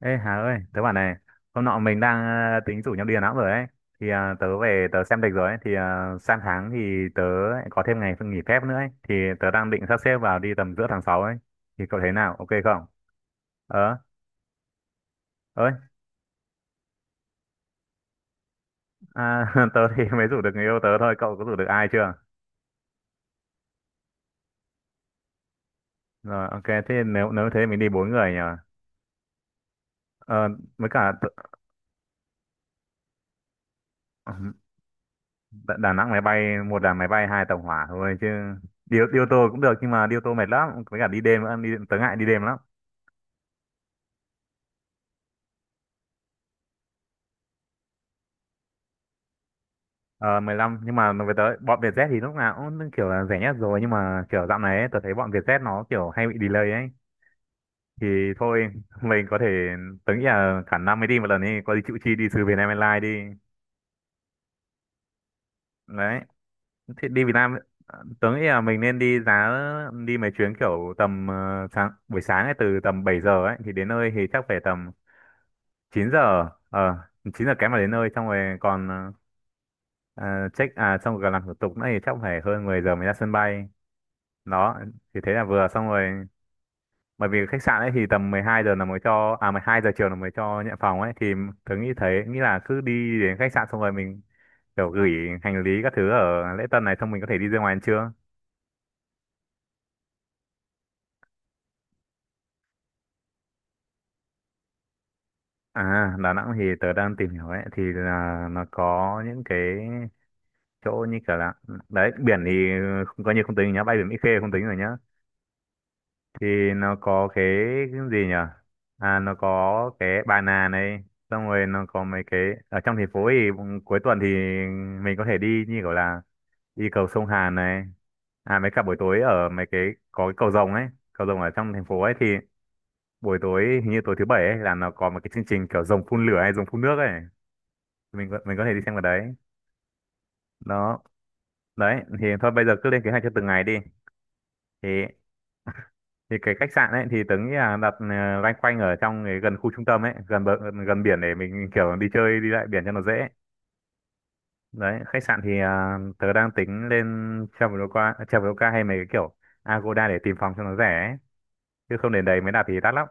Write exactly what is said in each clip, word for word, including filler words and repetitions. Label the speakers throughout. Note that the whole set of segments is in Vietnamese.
Speaker 1: Ê Hà ơi, tớ bảo này, hôm nọ mình đang ờ, tính rủ nhau đi Đà Nẵng rồi ấy. Thì ờ, tớ về tớ xem lịch rồi ấy, thì ờ, sang tháng thì tớ lại có thêm ngày nghỉ phép nữa ấy. Thì tớ đang định sắp xếp vào đi tầm giữa tháng sáu ấy. Thì cậu thấy nào, ok không? Ờ, ơi, à, tớ thì mới rủ được người yêu tớ thôi, cậu có rủ được ai chưa? Rồi, ok, thế nếu nếu thế mình đi bốn người nhỉ? Ờ, với cả tớ- Đà Đà Nẵng máy bay, một là máy bay, hai tàu hỏa thôi chứ. Đi, đi ô tô cũng được nhưng mà đi ô tô mệt lắm, với cả đi đêm nữa, đi, tớ ngại đi đêm lắm. Ờ, mười lăm nhưng mà nó về tới bọn Vietjet thì lúc nào cũng kiểu là rẻ nhất rồi, nhưng mà kiểu dạo này ấy, tôi thấy bọn Vietjet nó kiểu hay bị delay ấy, thì thôi mình có thể, tớ nghĩ là cả năm mới đi một lần đi có gì chịu chi đi từ Vietnam Airlines đi. Đấy thì đi Việt Nam, ờ, tớ nghĩ là mình nên đi giá, đi mấy chuyến kiểu tầm ờ, sáng buổi sáng ấy từ tầm bảy giờ ấy thì đến nơi thì chắc phải tầm chín giờ ờ chín giờ kém mà đến nơi xong rồi còn ờ, check à xong rồi còn làm thủ tục nữa thì chắc phải hơn mười giờ mới ra sân bay. Đó thì thế là vừa xong rồi, bởi vì khách sạn ấy thì tầm mười hai giờ là mới cho, à mười hai giờ chiều là mới cho nhận phòng ấy, thì tớ nghĩ thấy nghĩ là cứ đi đến khách sạn xong rồi mình kiểu gửi hành lý các thứ ở lễ tân này xong mình có thể đi ra ngoài ăn trưa. À Đà Nẵng thì tớ đang tìm hiểu ấy thì là nó có những cái chỗ như kiểu là, đấy biển thì không, coi như không tính nhá, bay biển Mỹ Khê không tính rồi nhá, thì nó có cái cái gì nhở? À nó có cái bà nà này, xong rồi nó có mấy cái ở trong thành phố thì cuối tuần thì mình có thể đi như kiểu là đi cầu sông Hàn này, à mấy cả buổi tối ở mấy cái, có cái cầu rồng ấy, cầu rồng ở trong thành phố ấy thì buổi tối hình như tối thứ bảy ấy là nó có một cái chương trình kiểu rồng phun lửa hay rồng phun nước ấy. Mình có, mình có thể đi xem vào đấy. Đó, đấy thì thôi bây giờ cứ lên kế hoạch cho từng ngày đi. thì thì cái khách sạn ấy thì tớ nghĩ là đặt ờ, loanh quanh ở trong cái gần khu trung tâm ấy gần bờ, gần biển để mình kiểu đi chơi đi lại biển cho nó dễ. Đấy khách sạn thì à, tớ đang tính lên Traveloka Traveloka hay mấy cái kiểu Agoda để tìm phòng cho nó rẻ ấy. Chứ không đến đấy mới đặt thì đắt lắm,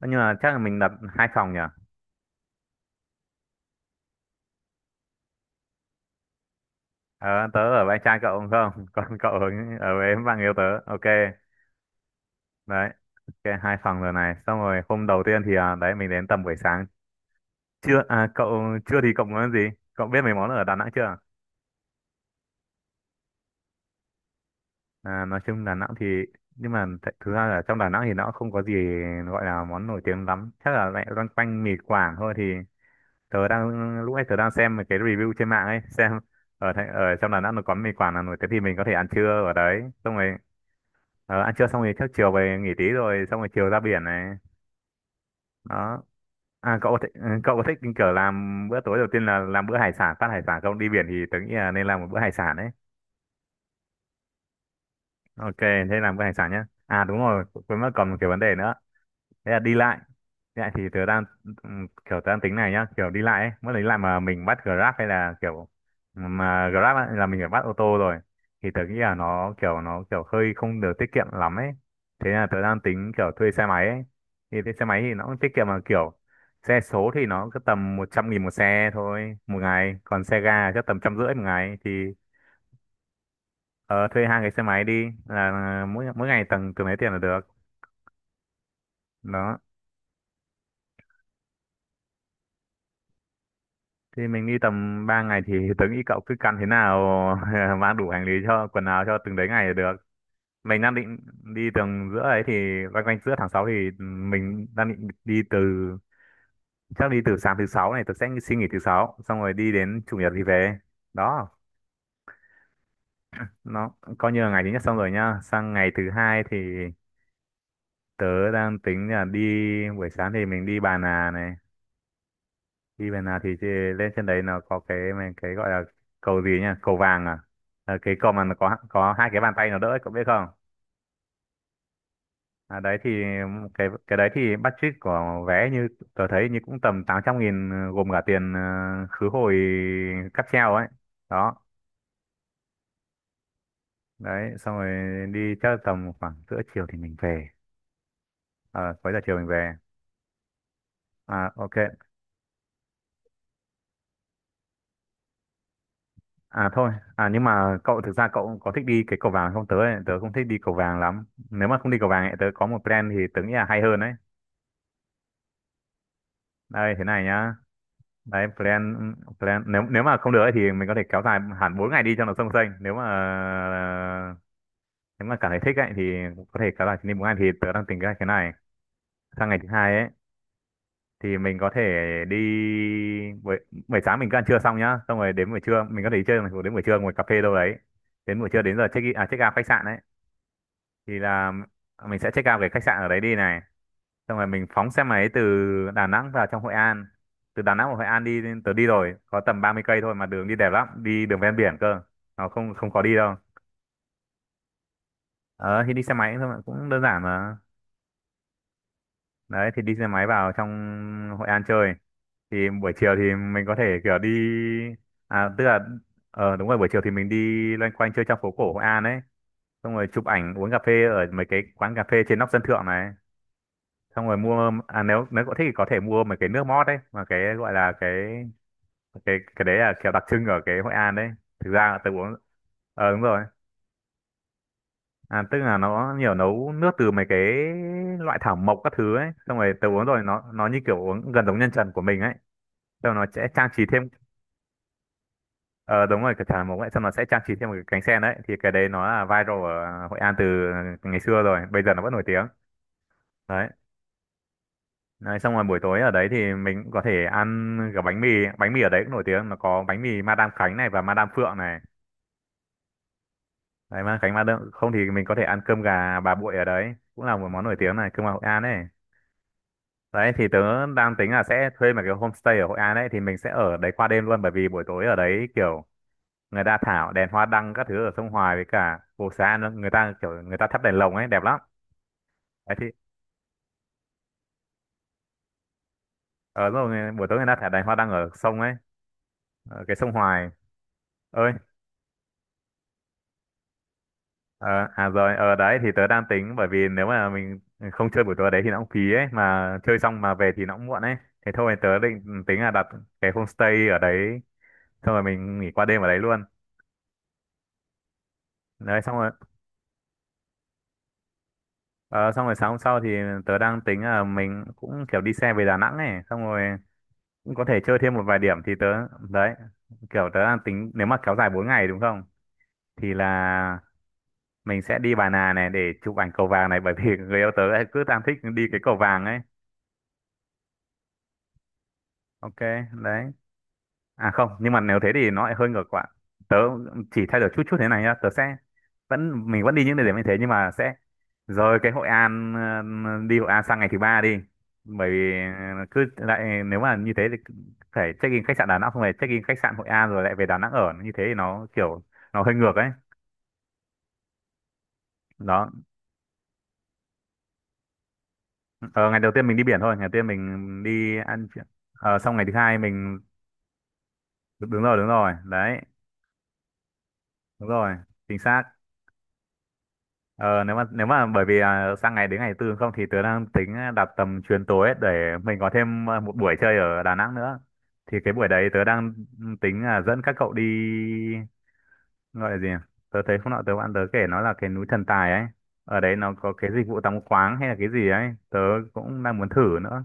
Speaker 1: nhưng mà chắc là mình đặt hai phòng nhỉ. Ờ, tớ ở với anh trai cậu đúng không còn cậu ở, ở với bạn yêu tớ ok. Đấy ok hai phòng rồi này, xong rồi hôm đầu tiên thì à, đấy mình đến tầm buổi sáng, chưa à, cậu chưa thì cậu muốn ăn gì, cậu biết mấy món ở Đà Nẵng chưa. À, nói chung Đà Nẵng thì, nhưng mà th thực ra là trong Đà Nẵng thì nó không có gì gọi là món nổi tiếng lắm, chắc là lại loanh quanh mì Quảng thôi, thì tớ đang lúc ấy tớ đang xem một cái review trên mạng ấy xem ở thành- ở trong Đà Nẵng nó có mì Quảng là nổi tiếng thì mình có thể ăn trưa ở đấy xong rồi. Ờ, ăn trưa xong rồi trước chiều về nghỉ tí rồi xong rồi chiều ra biển này. Đó, à cậu có thích, ừ, cậu có thích kiểu làm bữa tối đầu tiên là làm bữa hải sản phát, hải sản không, đi biển thì tớ nghĩ là nên làm một bữa hải sản ấy. Ok thế làm bữa hải sản nhá, à đúng rồi quên mất còn một cái vấn đề nữa, thế là đi lại. Dạ thì tớ đang, ừm, kiểu tớ đang tính này nhá, kiểu đi lại ấy, mỗi lần đi lại mà mình bắt Grab hay là kiểu mà Grab ấy, là mình phải bắt ô tô rồi, thì tớ nghĩ là nó kiểu nó kiểu hơi không được tiết kiệm lắm ấy. Thế là tớ đang tính kiểu thuê xe máy ấy. Thì thuê xe máy thì nó cũng tiết kiệm mà kiểu xe số thì nó cứ tầm một trăm nghìn một xe thôi một ngày, còn xe ga chắc tầm trăm rưỡi một ngày thì ờ, thuê hai cái xe máy đi là à, mỗi mỗi ngày tầm từng lấy tiền là được. Đó. Thì mình đi tầm ba ngày thì tớ nghĩ cậu cứ căn thế nào mang đủ hành lý cho quần áo cho từng đấy ngày là được. Mình đang định đi tầm giữa ấy thì quanh quanh giữa tháng sáu thì ừ, mình đang định đi từ, chắc đi từ sáng thứ sáu này tớ sẽ xin nghỉ thứ sáu xong rồi đi đến chủ nhật thì về. Đó, nó coi như là ngày thứ nhất xong rồi nhá. Sang ngày thứ hai thì tớ đang tính là đi buổi sáng thì mình đi Bà Nà này, đi bên nào thì chị lên trên đấy nó có cái mà- cái gọi là cầu gì nhá, cầu vàng à. Ờ, cái cầu mà nó có có hai cái bàn tay nó đỡ ấy, cậu biết không. À, đấy thì cái cái đấy thì budget của vé như tôi thấy như cũng tầm tám trăm nghìn ờ, gồm cả tiền ờ, khứ hồi cáp treo ấy. Đó đấy xong rồi đi chắc tầm khoảng giữa chiều thì mình về. Ờ, cuối giờ chiều mình về, à, ok. À thôi, à nhưng mà cậu thực ra cậu có thích đi cái cầu vàng không? Tớ ấy, tớ không thích đi cầu vàng lắm. Nếu mà không đi cầu vàng ấy, tớ có một plan thì tớ nghĩ là hay hơn đấy. Đây thế này nhá. Đấy plan plan nếu nếu mà không được ấy, thì mình có thể kéo dài hẳn bốn ngày đi cho nó xông xênh. Nếu mà nếu mà cảm thấy thích ấy thì có thể kéo dài chuyến đi bốn ngày thì tớ đang tính cái thế này. Sang ngày thứ hai ấy thì mình có thể đi buổi buổi sáng mình cứ ăn trưa xong nhá, xong rồi đến buổi trưa mình có thể đi chơi đến buổi trưa ngồi cà phê đâu đấy. Đến buổi trưa đến giờ check in à check out khách sạn ấy thì là mình sẽ check out cái khách sạn ở đấy đi này, xong rồi mình phóng xe máy từ Đà Nẵng vào trong Hội An, từ Đà Nẵng vào Hội An đi tớ đi rồi có tầm ba mươi cây thôi mà đường đi đẹp lắm, đi đường ven biển cơ, nó không, không có đi đâu. Ờ thì đi xe máy thôi mà, cũng đơn giản mà. Đấy thì đi xe máy vào trong Hội An chơi, thì buổi chiều thì mình có thể kiểu đi à tức là, ờ đúng rồi buổi chiều thì mình đi loanh quanh chơi trong phố cổ Hội An ấy xong rồi chụp ảnh uống cà phê ở mấy cái quán cà phê trên nóc sân thượng này, xong rồi mua à nếu nếu cậu thích thì có thể mua mấy cái nước mót đấy mà cái gọi là cái cái cái đấy là kiểu đặc trưng ở cái Hội An đấy, thực ra là tớ uống. Ờ đúng rồi, à tức là nó nhiều nấu nước từ mấy cái loại thảo mộc các thứ ấy, xong rồi tớ uống rồi nó nó như kiểu uống gần giống nhân trần của mình ấy, xong nó sẽ trang trí thêm. Ờ đúng rồi cái thảo mộc ấy xong nó sẽ trang trí thêm một cái cánh sen, đấy thì cái đấy nó là viral ở Hội An từ ngày xưa rồi bây giờ nó vẫn nổi tiếng. Đấy, đấy, xong rồi buổi tối ở đấy thì mình cũng có thể ăn cả bánh mì, bánh mì ở đấy cũng nổi tiếng, nó có bánh mì Madame Khánh này và Madame Phượng này, đấy Madame Khánh Madame, không thì mình có thể ăn cơm gà bà Bụi ở đấy cũng là một món nổi tiếng này, cơm gà Hội An ấy. Đấy thì tớ đang tính là sẽ thuê một cái homestay ở Hội An ấy, thì mình sẽ ở đấy qua đêm luôn, bởi vì buổi tối ở đấy kiểu người ta thả đèn hoa đăng các thứ ở sông Hoài, với cả phố xá nữa, người ta kiểu người ta thắp đèn lồng ấy, đẹp lắm. Đấy thì ở rồi buổi tối người ta thả đèn hoa đăng ở sông ấy, ở cái sông Hoài ơi. Ờ, à rồi, ở đấy thì tớ đang tính, bởi vì nếu mà mình không chơi buổi tối đấy thì nó cũng phí ấy, mà chơi xong mà về thì nó cũng muộn ấy. Thế thôi tớ định tính là đặt cái homestay ở đấy, xong rồi mình nghỉ qua đêm ở đấy luôn. Đấy, xong rồi, ờ, xong rồi sáng hôm sau thì tớ đang tính là mình cũng kiểu đi xe về Đà Nẵng này, xong rồi cũng có thể chơi thêm một vài điểm thì tớ, đấy, kiểu tớ đang tính nếu mà kéo dài bốn ngày đúng không? Thì là mình sẽ đi Bà Nà này để chụp ảnh cầu vàng này, bởi vì người yêu tớ ấy cứ đang thích đi cái cầu vàng ấy. Ok, đấy. À không, nhưng mà nếu thế thì nó lại hơi ngược lại. Tớ chỉ thay đổi chút chút thế này nhá, tớ sẽ vẫn mình vẫn đi những địa điểm như thế, nhưng mà sẽ rời cái Hội An, ờ, đi Hội An sang ngày thứ ba đi. Bởi vì ờ, cứ lại nếu mà như thế thì cứ phải check-in khách sạn Đà Nẵng xong rồi check-in khách sạn Hội An rồi lại về Đà Nẵng ở, như thế thì nó kiểu nó hơi ngược ấy. Đó. Ờ, ngày đầu tiên mình đi biển thôi, ngày đầu tiên mình đi ăn, ờ, xong ngày thứ hai mình đúng rồi đúng rồi. Đấy, đúng rồi, chính xác. Ờ, nếu mà nếu mà bởi vì à, sang ngày đến ngày tư không thì tớ đang tính đặt tầm chuyến tối ấy, để mình có thêm à, một buổi chơi ở Đà Nẵng nữa. Thì cái buổi đấy tớ đang tính là dẫn các cậu đi, gọi là gì nhỉ? Tớ thấy hôm nọ tớ bạn tớ kể nó là cái núi Thần Tài ấy. Ở đấy nó có cái dịch vụ tắm khoáng hay là cái gì ấy, tớ cũng đang muốn thử nữa.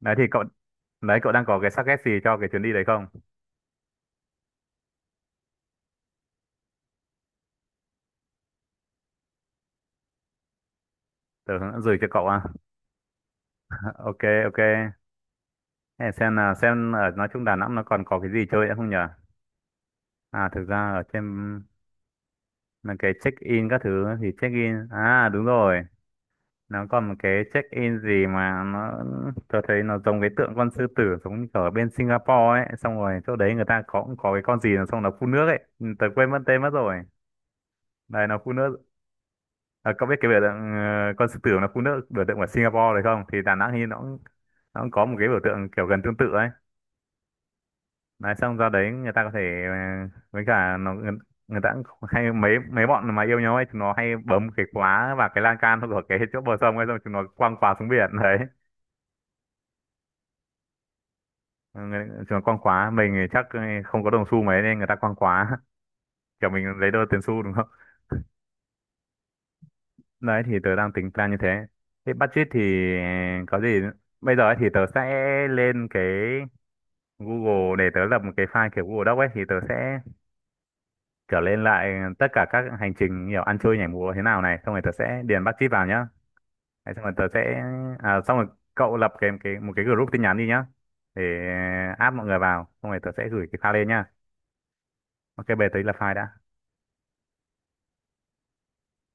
Speaker 1: Đấy thì cậu, đấy cậu đang có cái suggest gì cho cái chuyến đi đấy không? Tớ gửi cho cậu à. Ok, ok. Thế xem là xem ở nói chung Đà Nẵng nó còn có cái gì chơi nữa không nhỉ? À thực ra ở trên là cái check in các thứ thì check in, à đúng rồi, nó còn một cái check in gì mà nó, tôi thấy nó giống cái tượng con sư tử giống như ở bên Singapore ấy, xong rồi chỗ đấy người ta có cũng có cái con gì nó, xong nó phun nước ấy. Ừ, tớ quên mất tên mất rồi, đây nó phun nước. À, cậu biết cái biểu tượng ờ, con sư tử nó phun nước, biểu tượng của Singapore đấy không? Thì Đà Nẵng thì nó cũng, nó cũng có một cái biểu tượng kiểu gần tương tự ấy. Nói xong ra đấy người ta có thể ờ, với cả nó người, người ta cũng hay mấy mấy bọn mà yêu nhau ấy, chúng nó hay bấm cái khóa và cái lan can của cái chỗ bờ sông ấy, xong chúng nó quăng khóa xuống biển đấy. Ừ, người- chúng nó quăng khóa, mình thì chắc ờ, không có đồng xu mấy nên người ta quăng khóa. Kiểu mình lấy đôi tiền xu đúng không? Đấy thì tớ đang tính plan như thế, thế budget thì ờ, có gì bây giờ ấy thì tớ sẽ lên cái Google để tớ lập một cái file kiểu Google Doc ấy, thì tớ sẽ kiểu lên lại tất cả các hành trình kiểu ăn chơi nhảy múa thế nào này, xong rồi tớ sẽ điền bắt chít vào nhá. Đấy, xong rồi tớ sẽ à, xong rồi cậu lập cái cái một cái group tin nhắn đi nhá, để add mọi người vào, xong rồi tớ sẽ gửi cái file lên nhá. Ok, bây giờ tớ đi lập file đã.